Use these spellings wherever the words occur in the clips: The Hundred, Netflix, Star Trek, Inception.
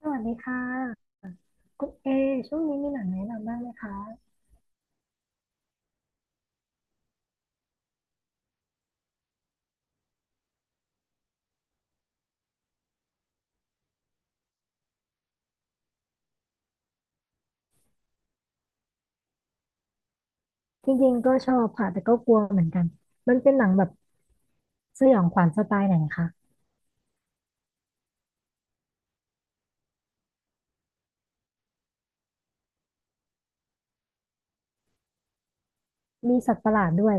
สวัสดีค่ะคุณเอช่วงนี้มีหนังแนะนำบ้างไหมคะจริงๆก็ชอบค่ะแต่ก็กลัวเหมือนกันมันเป็นหนังแบบสยองขวัญสไตล์ไหนคะมีสัตว์ประหลาดด้วย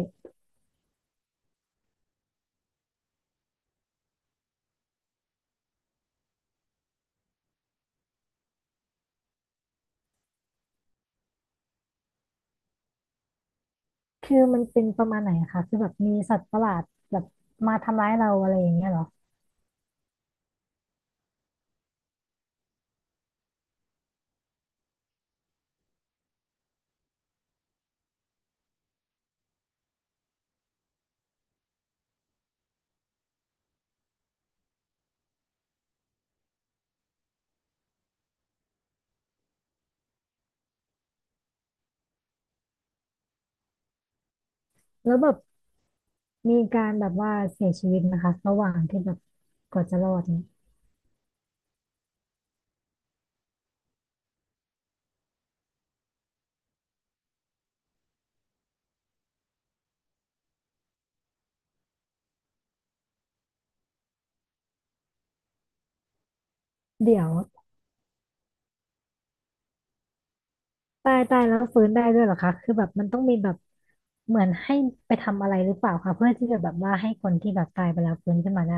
คือมันเป็นประมาณไหนคะคือแบบมีสัตว์ประหลาดแบบมาทำร้ายเราอะไรอย่างเงี้ยเหรอแล้วแบบมีการแบบว่าเสียชีวิตนะคะระหว่างที่แบบกว่าจะรอดเนี่ยเดี๋ยวตายตายแล้วฟื้นได้ด้วยเหรอคะคือแบบมันต้องมีแบบเหมือนให้ไปทำอะไรหรือเปล่าคะเพื่อที่จะแบบว่าให้คนที่แบบตายไปแล้วฟื้นขึ้นมาได้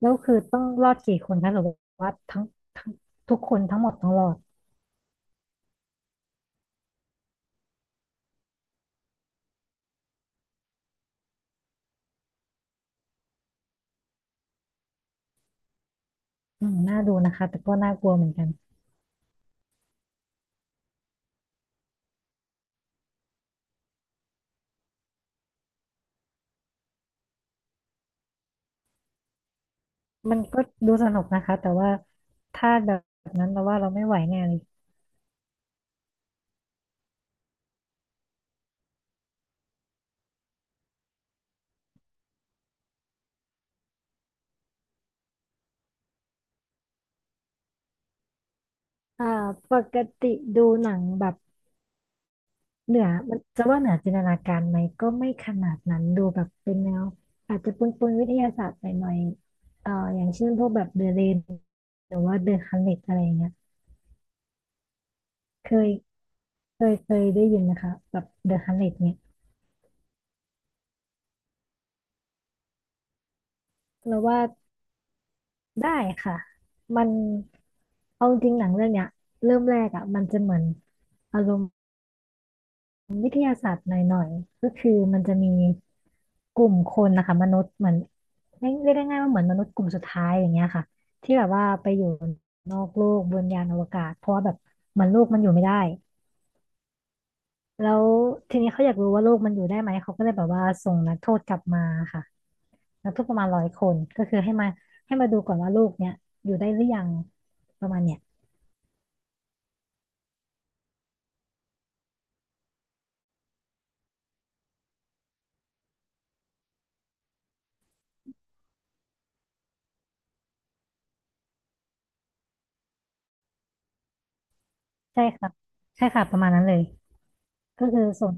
แล้วคือต้องรอดกี่คนคะหรือว่าทั้งทุกคนทั้งหมดต้องรอดอืมน่าดูนะคะแต่ก็น่ากลัวเหมือนกันมันก็ดูสนุกนะคะแต่ว่าถ้าแบบนั้นเราว่าเราไม่ไหวแน่เลยอ่าปกติดูหนังแบบเหนือมันจะว่าเหนือจินตนาการไหมก็ไม่ขนาดนั้นดูแบบเป็นแนวอาจจะปนวิทยาศาสตร์หน่อยๆอย่างเช่นพวกแบบเดอะเรนหรือว่าเดอะฮันเ e ตอะไรอย่างเงี้ยเคยเคยได้ยินนะคะแบบเดอะฮันเ e ตเนี่ยเราว่า ได้ค่ะมันเอาจริงหนังเรื่องเนี้ยเริ่มแรกอ่ะมันจะเหมือนอารมณ์วิทยาศาสตร์หน่อยๆก็คือมันจะมีกลุ่มคนนะคะมนุษย์เหมือนเรียกได้ง่ายว่าเหมือนมนุษย์กลุ่มสุดท้ายอย่างเงี้ยค่ะที่แบบว่าไปอยู่นอกโลกบนยานอวกาศเพราะว่าแบบเหมันโลกมันอยู่ไม่ได้แล้วทีนี้เขาอยากรู้ว่าโลกมันอยู่ได้ไหมเขาก็เลยแบบว่าส่งนักโทษกลับมาค่ะนักโทษประมาณร้อยคนก็คือให้มาดูก่อนว่าโลกเนี้ยอยู่ได้หรือยังประมาณเนี้ย ใช่ครับใช่ค่ะประมาณนั้นเลยก็คือส่วน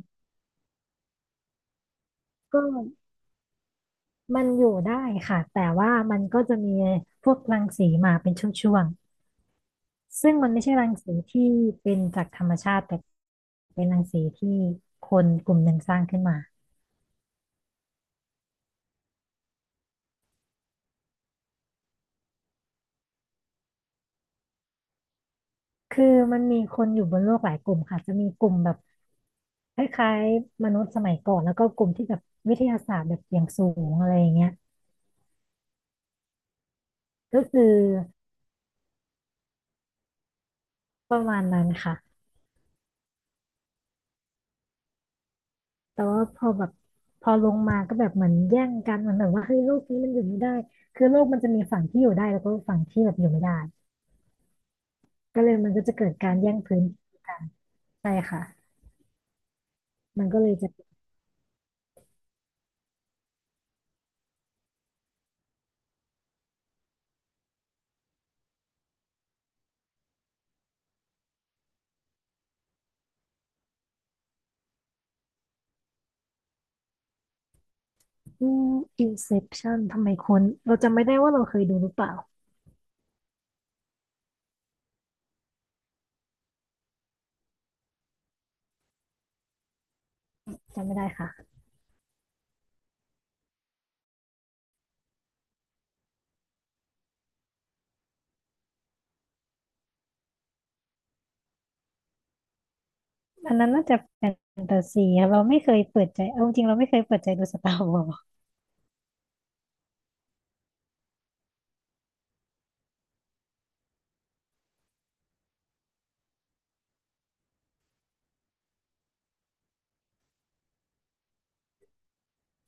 ก็มันอยู่ได้ค่ะ แต่ว่ามันก็จะมีพวกรังสีมาเป็นช่วงๆ ซึ่งมันไม่ใช่รังสีที่เป็นจากธรรมชาติแต่เป็นรังสีที่คนกลุ่มหนึ่งสร้างขึ้นมา คือมันมีคนอยู่บนโลกหลายกลุ่มค่ะจะมีกลุ่มแบบคล้ายๆมนุษย์สมัยก่อนแล้วก็กลุ่มที่แบบวิทยาศาสตร์แบบอย่างสูงอะไรอย่างเงี้ยก็คือประมาณนั้นค่ะ แต่ว่าพอแบบพอลงมาก็แบบเหมือนแย่งกันเหมือนแบบว่าเฮ้ยโลกนี้มันอยู่ไม่ได้คือโลกมันจะมีฝั่งที่อยู่ได้แล้วก็ฝั่งที่แบบอยู่ไม่ได้ก็เลยมันก็จะเกิดการแย่งพื้นที่กันใช่ค่ะมันก็เลยจะอืม Inception ทำไมคุ้นเราจำไม่ได้ว่าเราเคยดูหรือเปล่าจำไม่ได้ค่ะอันนั้นน่าจะแฟนตาซีอะเราไม่เคยเปิดใจเอาจริงๆเราไม่เคยเปิดใจดูสตาร์วอ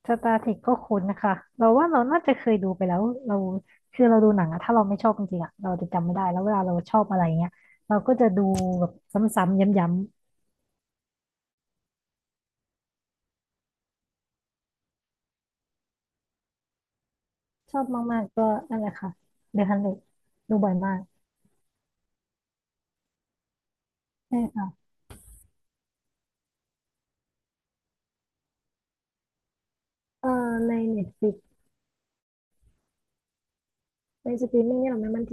สตาร์เทคก็คุ้นนะคะเราว่าเราน่าจะเคยดูไปแล้วเราคือเราดูหนังอะถ้าเราไม่ชอบจริงๆอะเราจะจำไม่ได้แล้วเวลาเราชอบอะไรเงี้ยเราก็จะดูแบบซ้ำๆย้ำๆชอบมากๆก็นั่นแหละค่ะเดอะฮันเดดูบ่อยมากใช่ค่ะเอ่อในเน็ตฟลิกในสตรีมมิ่งเนี่ยเราไม่มั่นใจ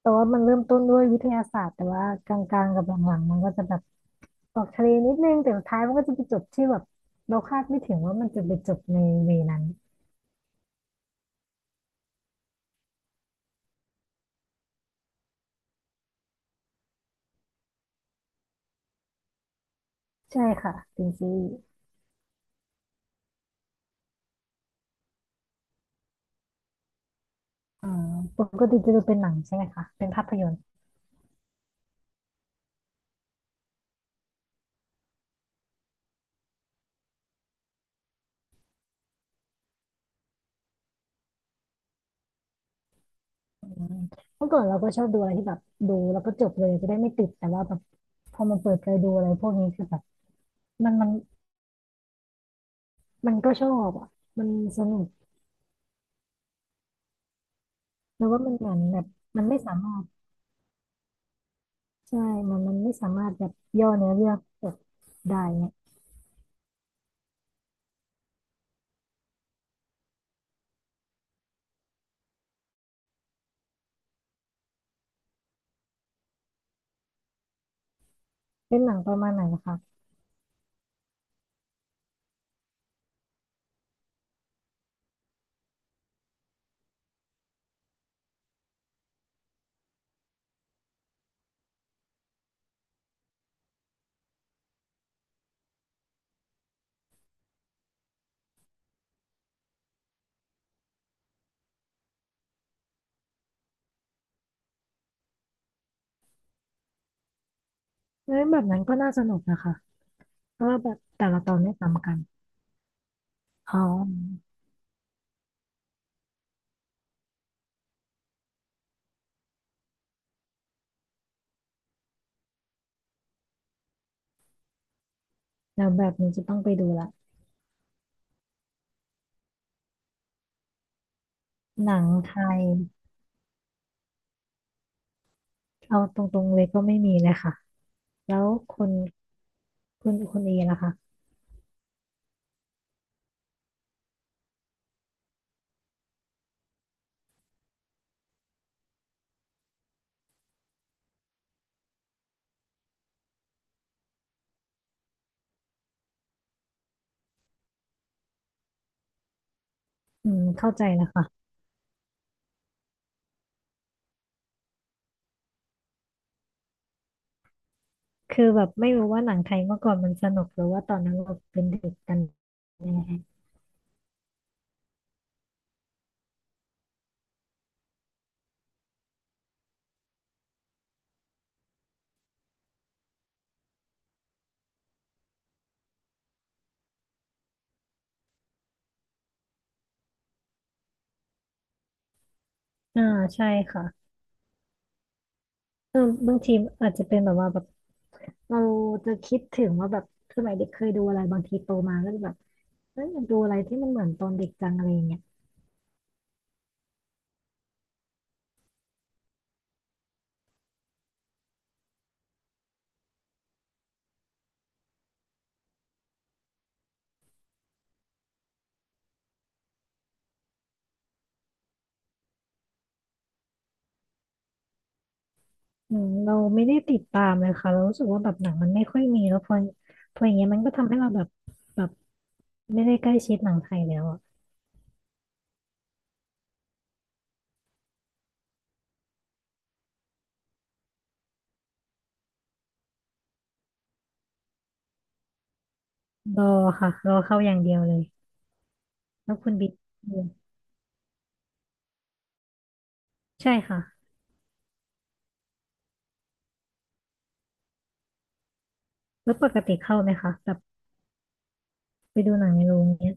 แต่ว่ามันเริ่มต้นด้วยวิทยาศาสตร์แต่ว่ากลางๆกับหลังๆมันก็จะแบบออกทะเลนิดนึงแต่สุดท้ายมันก็จะไปจบที่แบบเราคาดไม่ถึงว่ามันจะไปจบในเวนั้นใช่ค่ะเป็นซีรีส์ อ่าปกติจะดูเป็นหนังใช่ไหมคะเป็นภาพยนตร์อืมเมื่อก่อนเราก็ชอบดูอะไรที่แบบดูแล้วก็จบเลยจะได้ไม่ติดแต่ว่าแบบพอมาเปิดใจดูอะไรพวกนี้คือแบบมันมันก็ชอบอ่ะมันสนุกแต่ว่ามันเหมือนแบบมันไม่สามารถใช่มันไม่สามารถแบบย่อเนื้อเรื่องจบได้เนี่ยเป็นหนังประมาณไหนนะคะเอ้ยแบบนั้นก็น่าสนุกนะคะเพราะว่าแบบแต่ละตอนไม่ซ้ำกันอ๋อแล้วแบบนี้จะต้องไปดูละหนังไทยเอาตรงๆเลยก็ไม่มีเลยค่ะแล้วคุณ คุณเอล่ะคะอืมเข้าใจแล้วค่ะคือแบบไม่รู้ว่าหนังไทยเมื่อก่อนมันสนุกหรือว่าตอนนั้นเราเป็นเด็กกันแน่อ่าใช่ค่ะเออบางทีอาจจะเป็นแบบว่าแบบเราจะคิดถึงว่าแบบสมัยเด็กเคยดูอะไรบางทีโตมาก็จะแบบเอยอยากดูอะไรที่มันเหมือนตอนเด็กจังอะไรอย่างเงี้ยอืมเราไม่ได้ติดตามเลยค่ะเรารู้สึกว่าแบบหนังมันไม่ค่อยมีแล้วพออย่างเงี้ยมันก็ทำให้เราแบบแบบไม่ได้ใกล้ชิดหนังไทยแล้วอะรอค่ะรอเข้าอย่างเดียวเลยแล้วคุณบิ๊กอืมใช่ค่ะ แล้วปกติเข้าไหมคะแบบไปดูหนังในโรงเนี้ย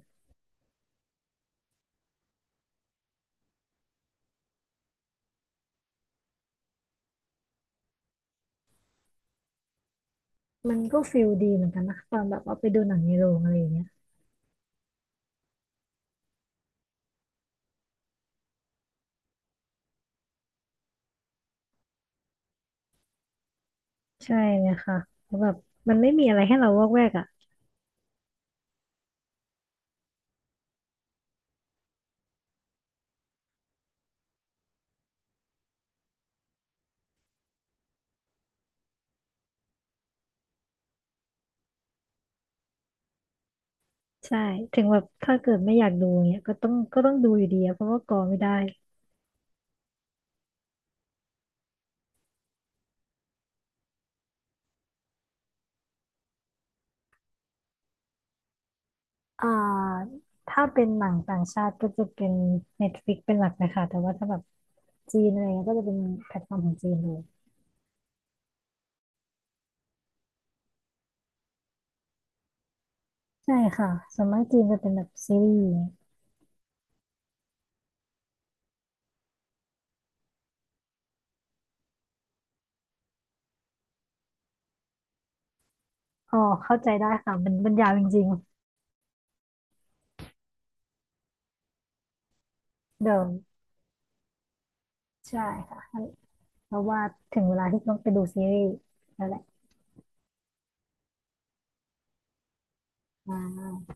มันก็ฟิลดีเหมือนกันนะตอนแบบว่าไปดูหนังในโรงอะไรอย่างเงี้ยใช่เลยค่ะเพราะแบบมันไม่มีอะไรให้เราวอกแวกอ่ะใช่ถึงแบบถ้าเกิดไม่อยากดูเงี้ยก็ต้องดูอยู่ดีอะเพราะว่ากอไม่ได้อ่าถ้าเป็นหนังต่างชาติก็จะเป็น Netflix เป็นหลักนะคะแต่ว่าถ้าแบบจีนอะไรเงี้ยก็จะเป็นแพลตฟอร์มของจีนเลยใช่ค่ะส่วนมากจีนจะเป็นแบบซีรีส์อ๋อเข้าใจได้ค่ะมันยาวจริงๆเดิมใช่ค่ะ เพราะว่าถึงเวลาที่ต้องไปดูซีรีส์แล้วแหละอ่า